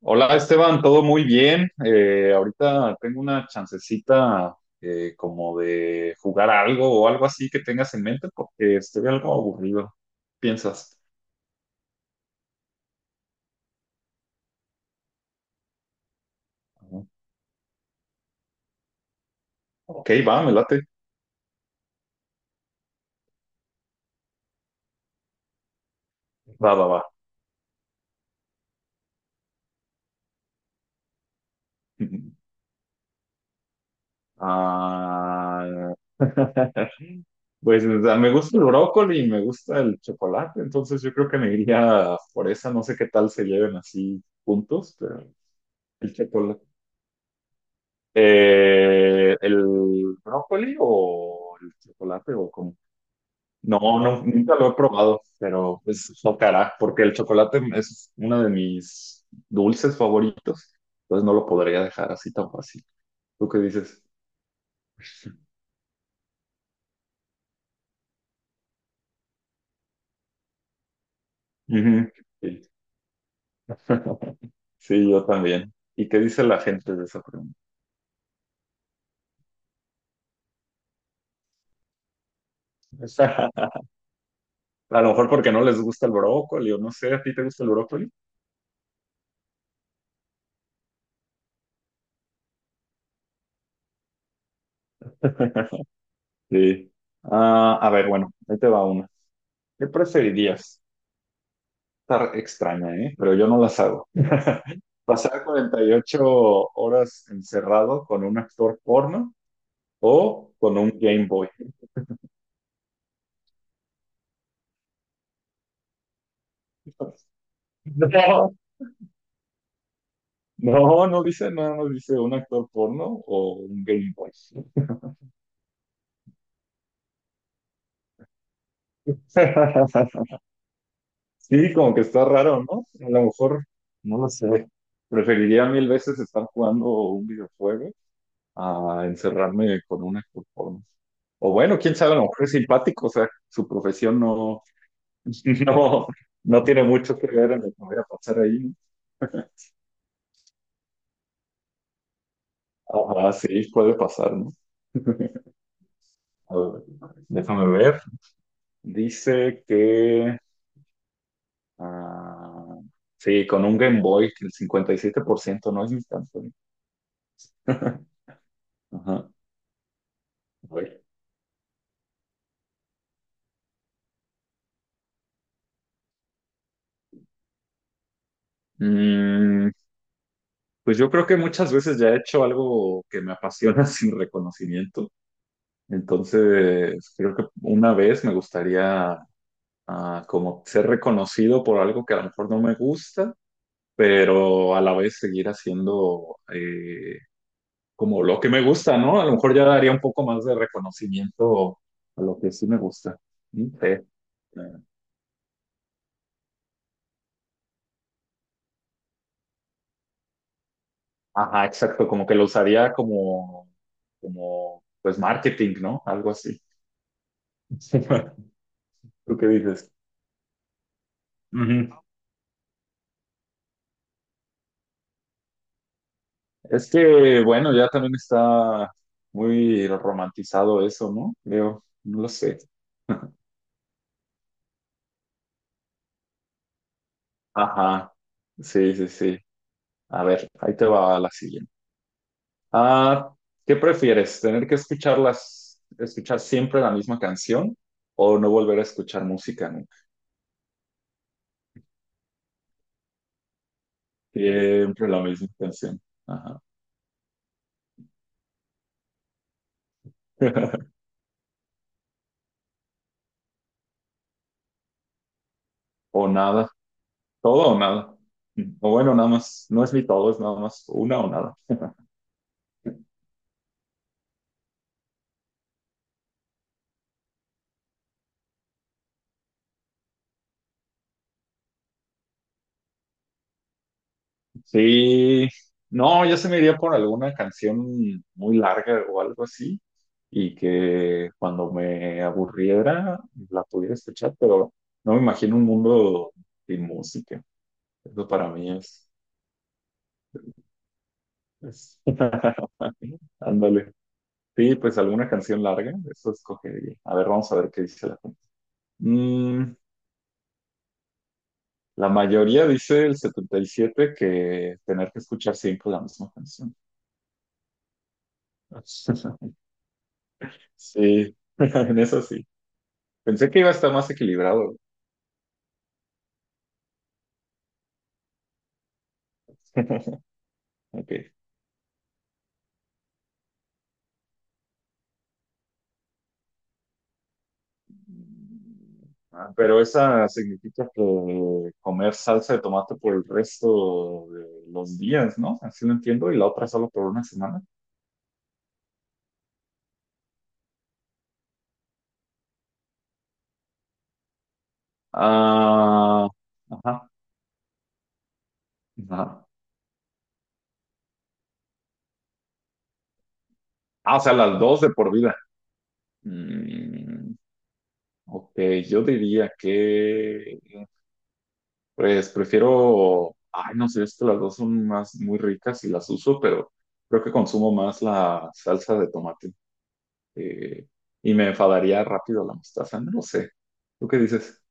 Hola, Esteban, todo muy bien. Ahorita tengo una chancecita como de jugar algo o algo así que tengas en mente porque estoy algo aburrido. ¿Piensas? Ujú. Ok, va, me late. Va, va, va. Ah, pues, o sea, me gusta el brócoli y me gusta el chocolate, entonces yo creo que me iría por esa. No sé qué tal se lleven así juntos, pero el chocolate. ¿El brócoli o el chocolate o cómo? No, no, nunca lo he probado, pero pues tocará, porque el chocolate es uno de mis dulces favoritos, entonces no lo podría dejar así tan fácil. ¿Tú qué dices? Ujú, sí. Sí, yo también. ¿Y qué dice la gente de esa pregunta? A lo mejor porque no les gusta el brócoli o no sé, ¿a ti te gusta el brócoli? Sí. Ah, a ver, bueno, ahí te va una. ¿Qué preferirías? Estar extraña, ¿eh? Pero yo no las hago. Pasar 48 horas encerrado con un actor porno o con un Game Boy. No, no, no dice nada, no dice un actor porno o un Game Boy. Sí, como que está raro, ¿no? A lo mejor, no lo sé. Preferiría mil veces estar jugando un videojuego a encerrarme con un actor porno. O bueno, quién sabe, a lo mejor es simpático, o sea, su profesión no. No, no tiene mucho que ver en lo que voy a pasar ahí. Ah, sí, puede pasar, ¿no? A ver, déjame ver. Dice que, ah, sí, con un Game Boy, que el 57% no es instantáneo. Ajá. A ver. Mm, pues yo creo que muchas veces ya he hecho algo que me apasiona sin reconocimiento. Entonces, creo que una vez me gustaría como ser reconocido por algo que a lo mejor no me gusta, pero a la vez seguir haciendo como lo que me gusta, ¿no? A lo mejor ya daría un poco más de reconocimiento a lo que sí me gusta. Sí. Ajá, exacto, como que lo usaría como, pues, marketing, ¿no? Algo así. ¿Tú qué dices? Ujú. Es que, bueno, ya también está muy romantizado eso, ¿no? Creo, no lo sé. Ajá, sí, sí, sí. A ver, ahí te va la siguiente. Ah, ¿qué prefieres? ¿Tener que escuchar siempre la misma canción o no volver a escuchar música nunca? Siempre la misma canción. Ajá. O nada. Todo o nada. O bueno, nada más. No es ni todo, es nada más una o nada. Sí. No, yo se me iría por alguna canción muy larga o algo así. Y que cuando me aburriera la pudiera escuchar, pero no me imagino un mundo sin música. Eso para mí es- ándale. Sí, pues alguna canción larga, eso escogería. A ver, vamos a ver qué dice la gente. Mm, la mayoría dice el 77, que tener que escuchar siempre la misma canción. Sí, en eso sí. Pensé que iba a estar más equilibrado. Ok. Ah, pero esa significa que comer salsa de tomate por el resto de los días, ¿no? Así lo entiendo. Y la otra solo por una semana. Ah, ajá, ajá. Ah, o sea, las dos de por vida. Mm, ok, yo diría que, pues, prefiero, ay, no sé, es que las dos son más muy ricas y las uso, pero creo que consumo más la salsa de tomate, eh, y me enfadaría rápido la mostaza, no lo sé. ¿Tú qué dices?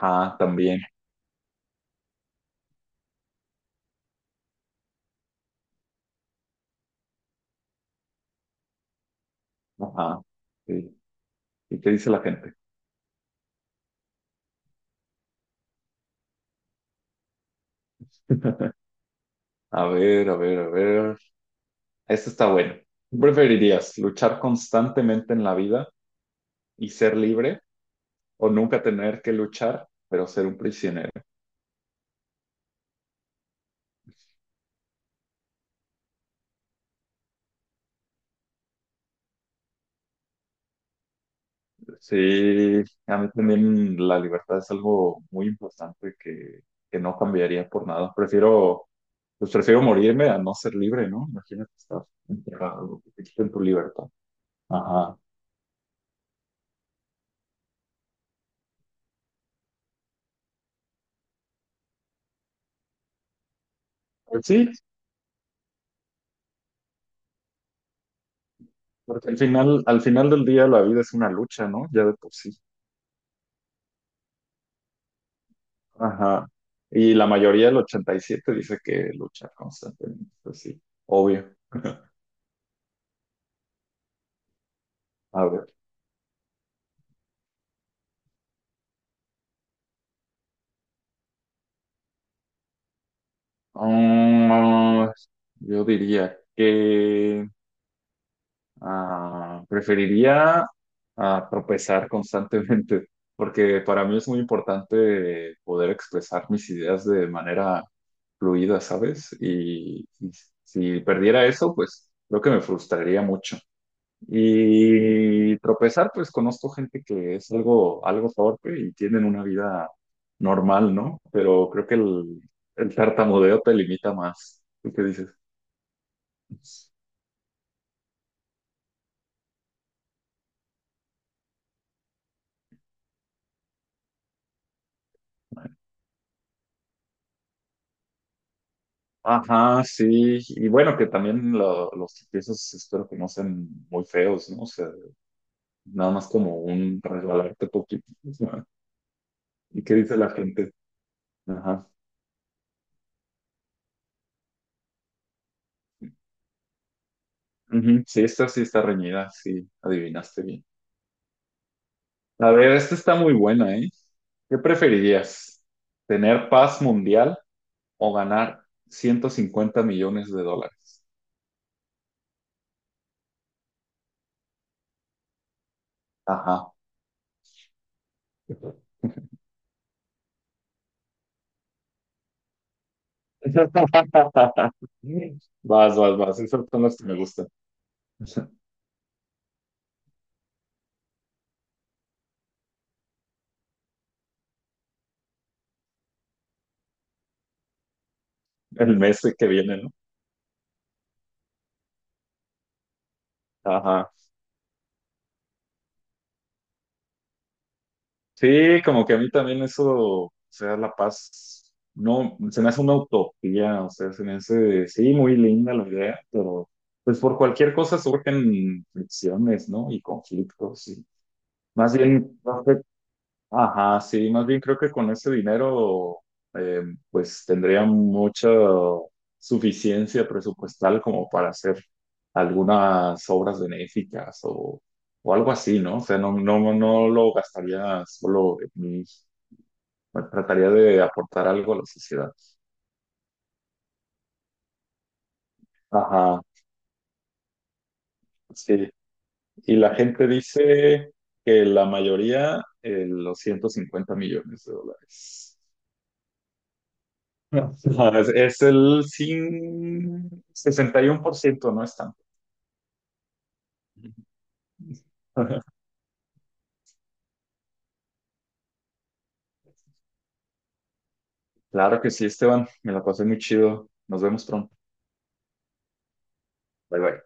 Ah, también. Ajá. Sí. ¿Y qué dice la gente? A ver, a ver, a ver. Esto está bueno. ¿Qué ¿Preferirías luchar constantemente en la vida y ser libre, o nunca tener que luchar, pero ser un prisionero? Sí, a mí también la libertad es algo muy importante que no cambiaría por nada. Prefiero, pues prefiero morirme a no ser libre, ¿no? Imagínate estar encerrado, que te quiten tu libertad. Ajá. Pues sí, porque al final del día la vida es una lucha, ¿no? Ya de por sí. Ajá. Y la mayoría, del 87, dice que lucha constantemente, pues sí, obvio. A ver. Mm, yo diría que preferiría tropezar constantemente, porque para mí es muy importante poder expresar mis ideas de manera fluida, ¿sabes? Y si perdiera eso, pues creo que me frustraría mucho. Y tropezar, pues conozco gente que es algo, algo torpe y tienen una vida normal, ¿no? Pero creo que el tartamudeo te limita más. ¿Tú qué dices? Ajá, sí. Y bueno, que también los tropiezos espero que no sean muy feos, ¿no? O sea, nada más como un resbalarte poquito, ¿no? ¿Y qué dice la gente? Ajá. Ujú. Sí, esta sí está reñida, sí, adivinaste bien. A ver, esta está muy buena, ¿eh? ¿Qué preferirías? ¿Tener paz mundial o ganar $150 millones? Ajá. Vas, vas, vas. Esas son las que me gustan. El mes que viene, ¿no? Ajá. Sí, como que a mí también eso, o sea, la paz, no, se me hace una utopía, o sea, se me hace, sí, muy linda la idea, pero pues por cualquier cosa surgen fricciones, ¿no? Y conflictos. Más bien, no sé, ajá, sí, más bien creo que con ese dinero, eh, pues tendría mucha suficiencia presupuestal como para hacer algunas obras benéficas o, algo así, ¿no? O sea, no, no, no lo gastaría solo en mí, bueno, trataría de aportar algo a la sociedad. Ajá, sí. Y la gente dice que la mayoría, los $150 millones. No, es el 61%, no es tanto. Claro que sí, Esteban. Me la pasé muy chido. Nos vemos pronto. Bye bye.